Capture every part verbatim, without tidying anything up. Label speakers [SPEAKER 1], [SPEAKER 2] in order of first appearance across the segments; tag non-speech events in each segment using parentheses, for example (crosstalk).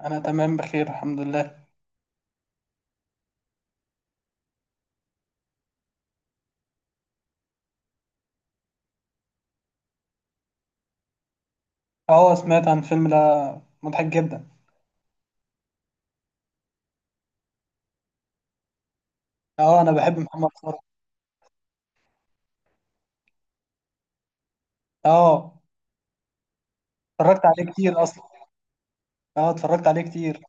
[SPEAKER 1] انا تمام بخير، الحمد لله. اه، سمعت عن الفيلم ده. مضحك جدا. اه، انا بحب محمد صلاح. اه، اتفرجت عليه كتير اصلا. اه، اتفرجت عليه كتير.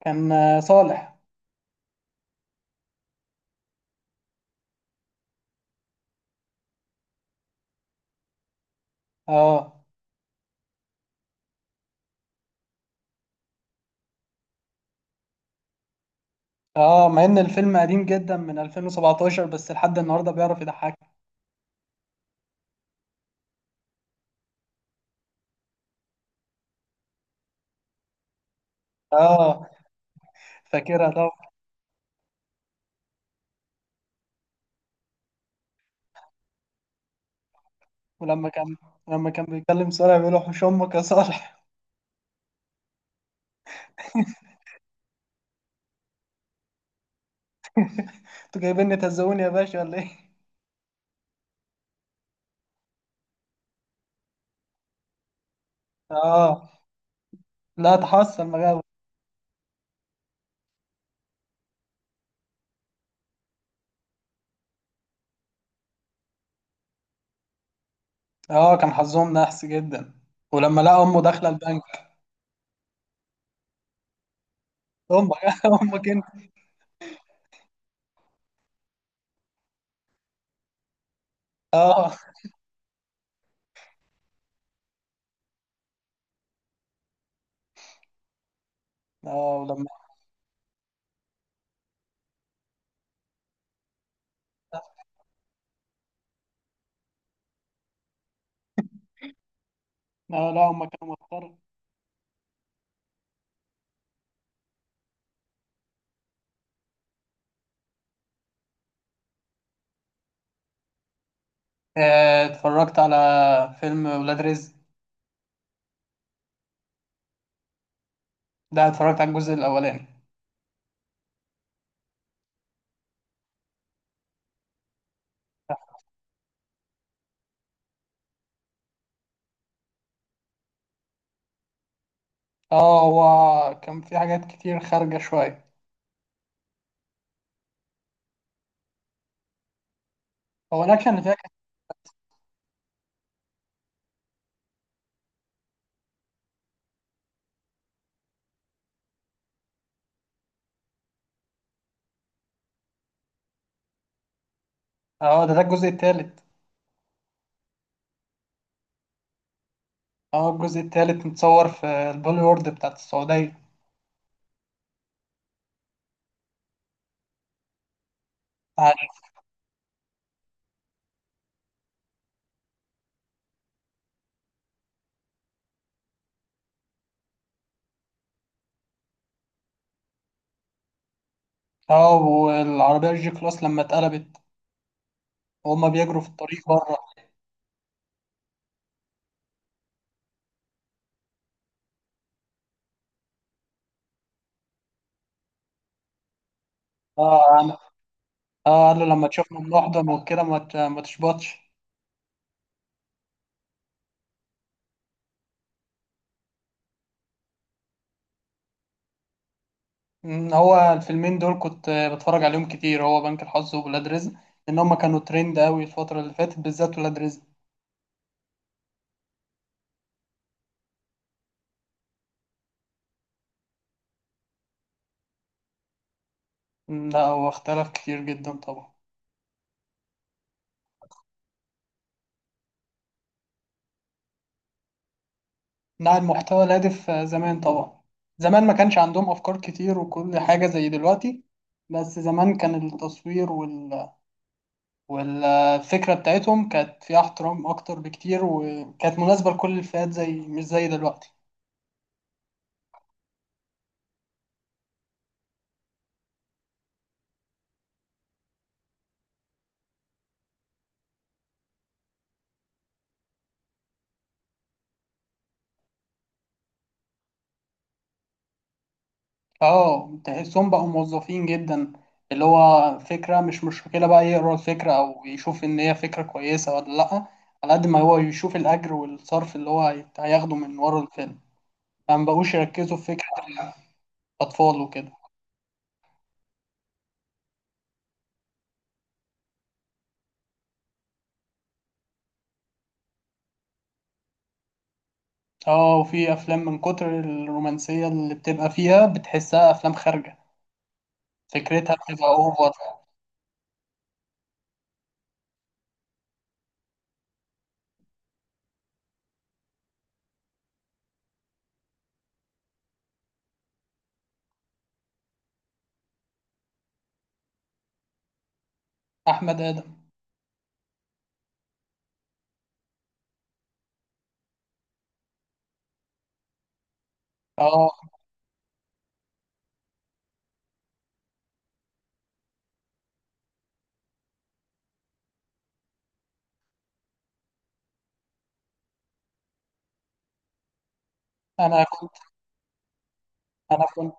[SPEAKER 1] كان آه، صالح. اه اه، مع ان الفيلم قديم جدا من ألفين وسبعتاشر بس لحد النهارده بيعرف يضحك. اه، فاكرها طبعا. ولما كان لما كان بيتكلم صالح بيقول له حوش امك يا صالح. (laughs) انتوا جايبيني تهزقوني يا باشا ولا ايه؟ اه، لا تحصل مجاوب. اه، كان حظهم نحس جدا. ولما لقى امه داخله البنك. امك. (laughs) امك. اه. اه، ولما لا، لا، هما كانوا مضطر. آه، اتفرجت على فيلم ولاد رزق. ده اتفرجت على الجزء الاولاني. اه، هو كان في حاجات كتير خارجة شوية. هو الاكشن اللي فيها كان-. اه، ده ده الجزء التالت. اه، الجزء التالت متصور في البوليورد بتاعت السعودية. اه، والعربية الجي كلاس لما اتقلبت وهما بيجروا في الطريق بره. اه، قال- اه، قال له لما تشوفنا بنحضن وكده ما ت- ما تشبطش. مم، هو الفيلمين دول كنت بتفرج عليهم كتير، هو بنك الحظ وولاد رزق. لان هما كانوا ترند قوي الفتره اللي فاتت، بالذات ولاد رزق. مم، لا، هو اختلف كتير جدا طبعا. نوع المحتوى الهادف آه، زمان طبعا. زمان ما كانش عندهم افكار كتير وكل حاجه زي دلوقتي. بس زمان كان التصوير وال... والفكره بتاعتهم كانت فيها احترام اكتر بكتير، وكانت مناسبه لكل الفئات، زي مش زي دلوقتي. اه، تحسهم بقوا موظفين جدا. اللي هو فكرة، مش مشكلة بقى يقرأ الفكرة أو يشوف إن هي فكرة كويسة ولا لأ. على قد ما هو يشوف الأجر والصرف اللي هو هيت- هياخده من ورا الفيلم. فما بقوش يركزوا في فكرة الأطفال وكده. اه، وفي أفلام من كتر الرومانسية اللي بتبقى فيها بتحسها أفلام خارجة. فكرتها بتبقى أوفر. أحمد آدم. اه، أنا كنت أنا كنت.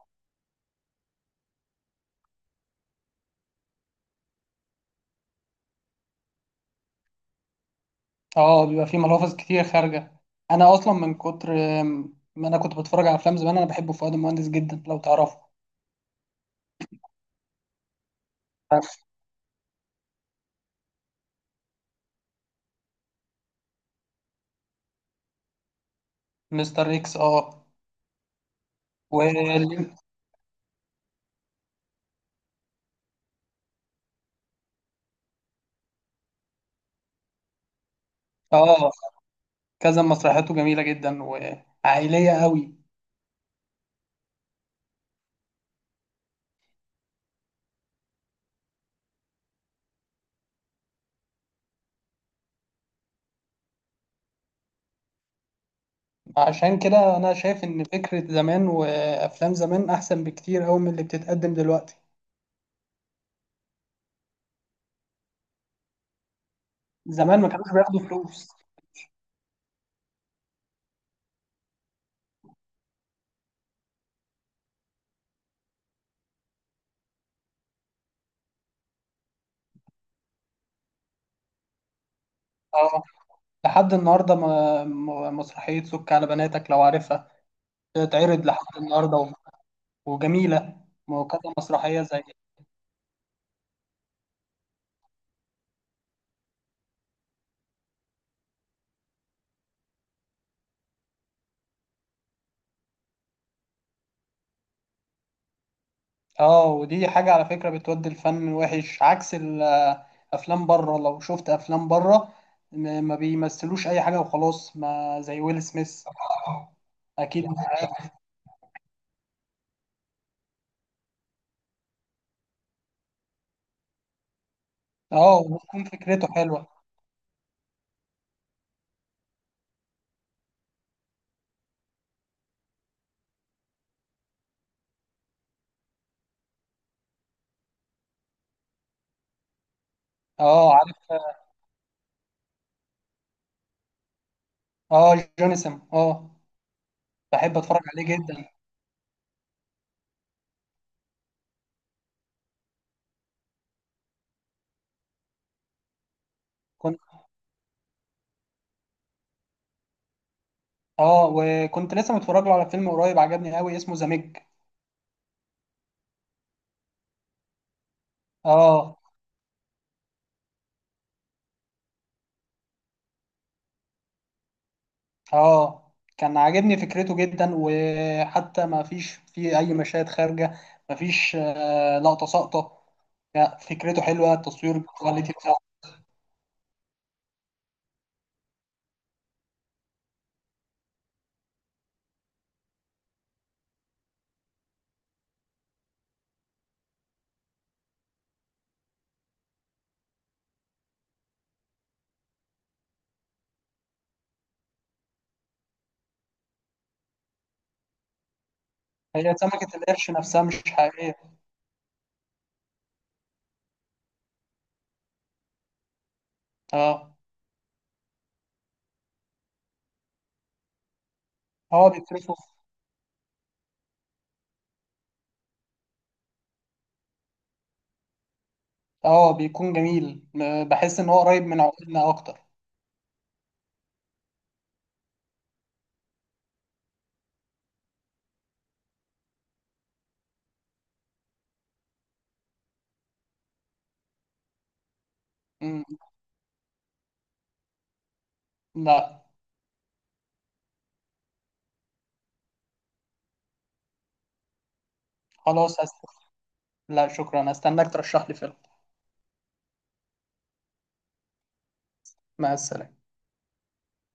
[SPEAKER 1] اه، بيبقى فيه ملافظ كتير خارجة. انا اصلا من كتر. آم، ما انا كنت بتفرج على افلام زمان، انا بحب فؤاد المهندس جدا لو تعرفه. عارف. مستر اكس، اه. و. اه، كذا مسرحياته جميلة جدا وعائلية قوي. عشان كده انا شايف ان فكرة زمان وافلام زمان احسن بكتير قوي من اللي بتتقدم دلوقتي. زمان ما كانوش بياخدوا فلوس. اه، لحد النهارده ما ما- مسرحية سك على بناتك لو عارفها. بتتعرض لحد النهارده و-. وجميلة. وكذا مسرحية زي. اه، ودي حاجة على فكرة بتودي الفن وحش، عكس الأفلام بره. لو شفت أفلام بره، م- ما بيمثلوش أي حاجة وخلاص، ما زي ويل سميث. أكيد. اه، وبتكون فكرته حلوة. اه، عارف. اه، جونسون، اه. بحب أتفرج عليه جدا. كنت. اه، وكنت لسه متفرج له على فيلم قريب عجبني قوي اسمه ذا ميج. اه. اه، كان عاجبني فكرته جدا، وحتى ما فيش فيه اي مشاهد خارجه. ما فيش آه، لقطه ساقطه. لا، فكرته حلوه، التصوير الكواليتي بتاعته. هي سمكه القرش نفسها مش حقيقيه. اه، هو بيصرفه. اه، بيكون جميل. م- بحس ان هو قريب من عقولنا اكتر. مم. لا. خلاص هست-. لا شكرا، هستناك ترشح لي فيلم. مع السلامه.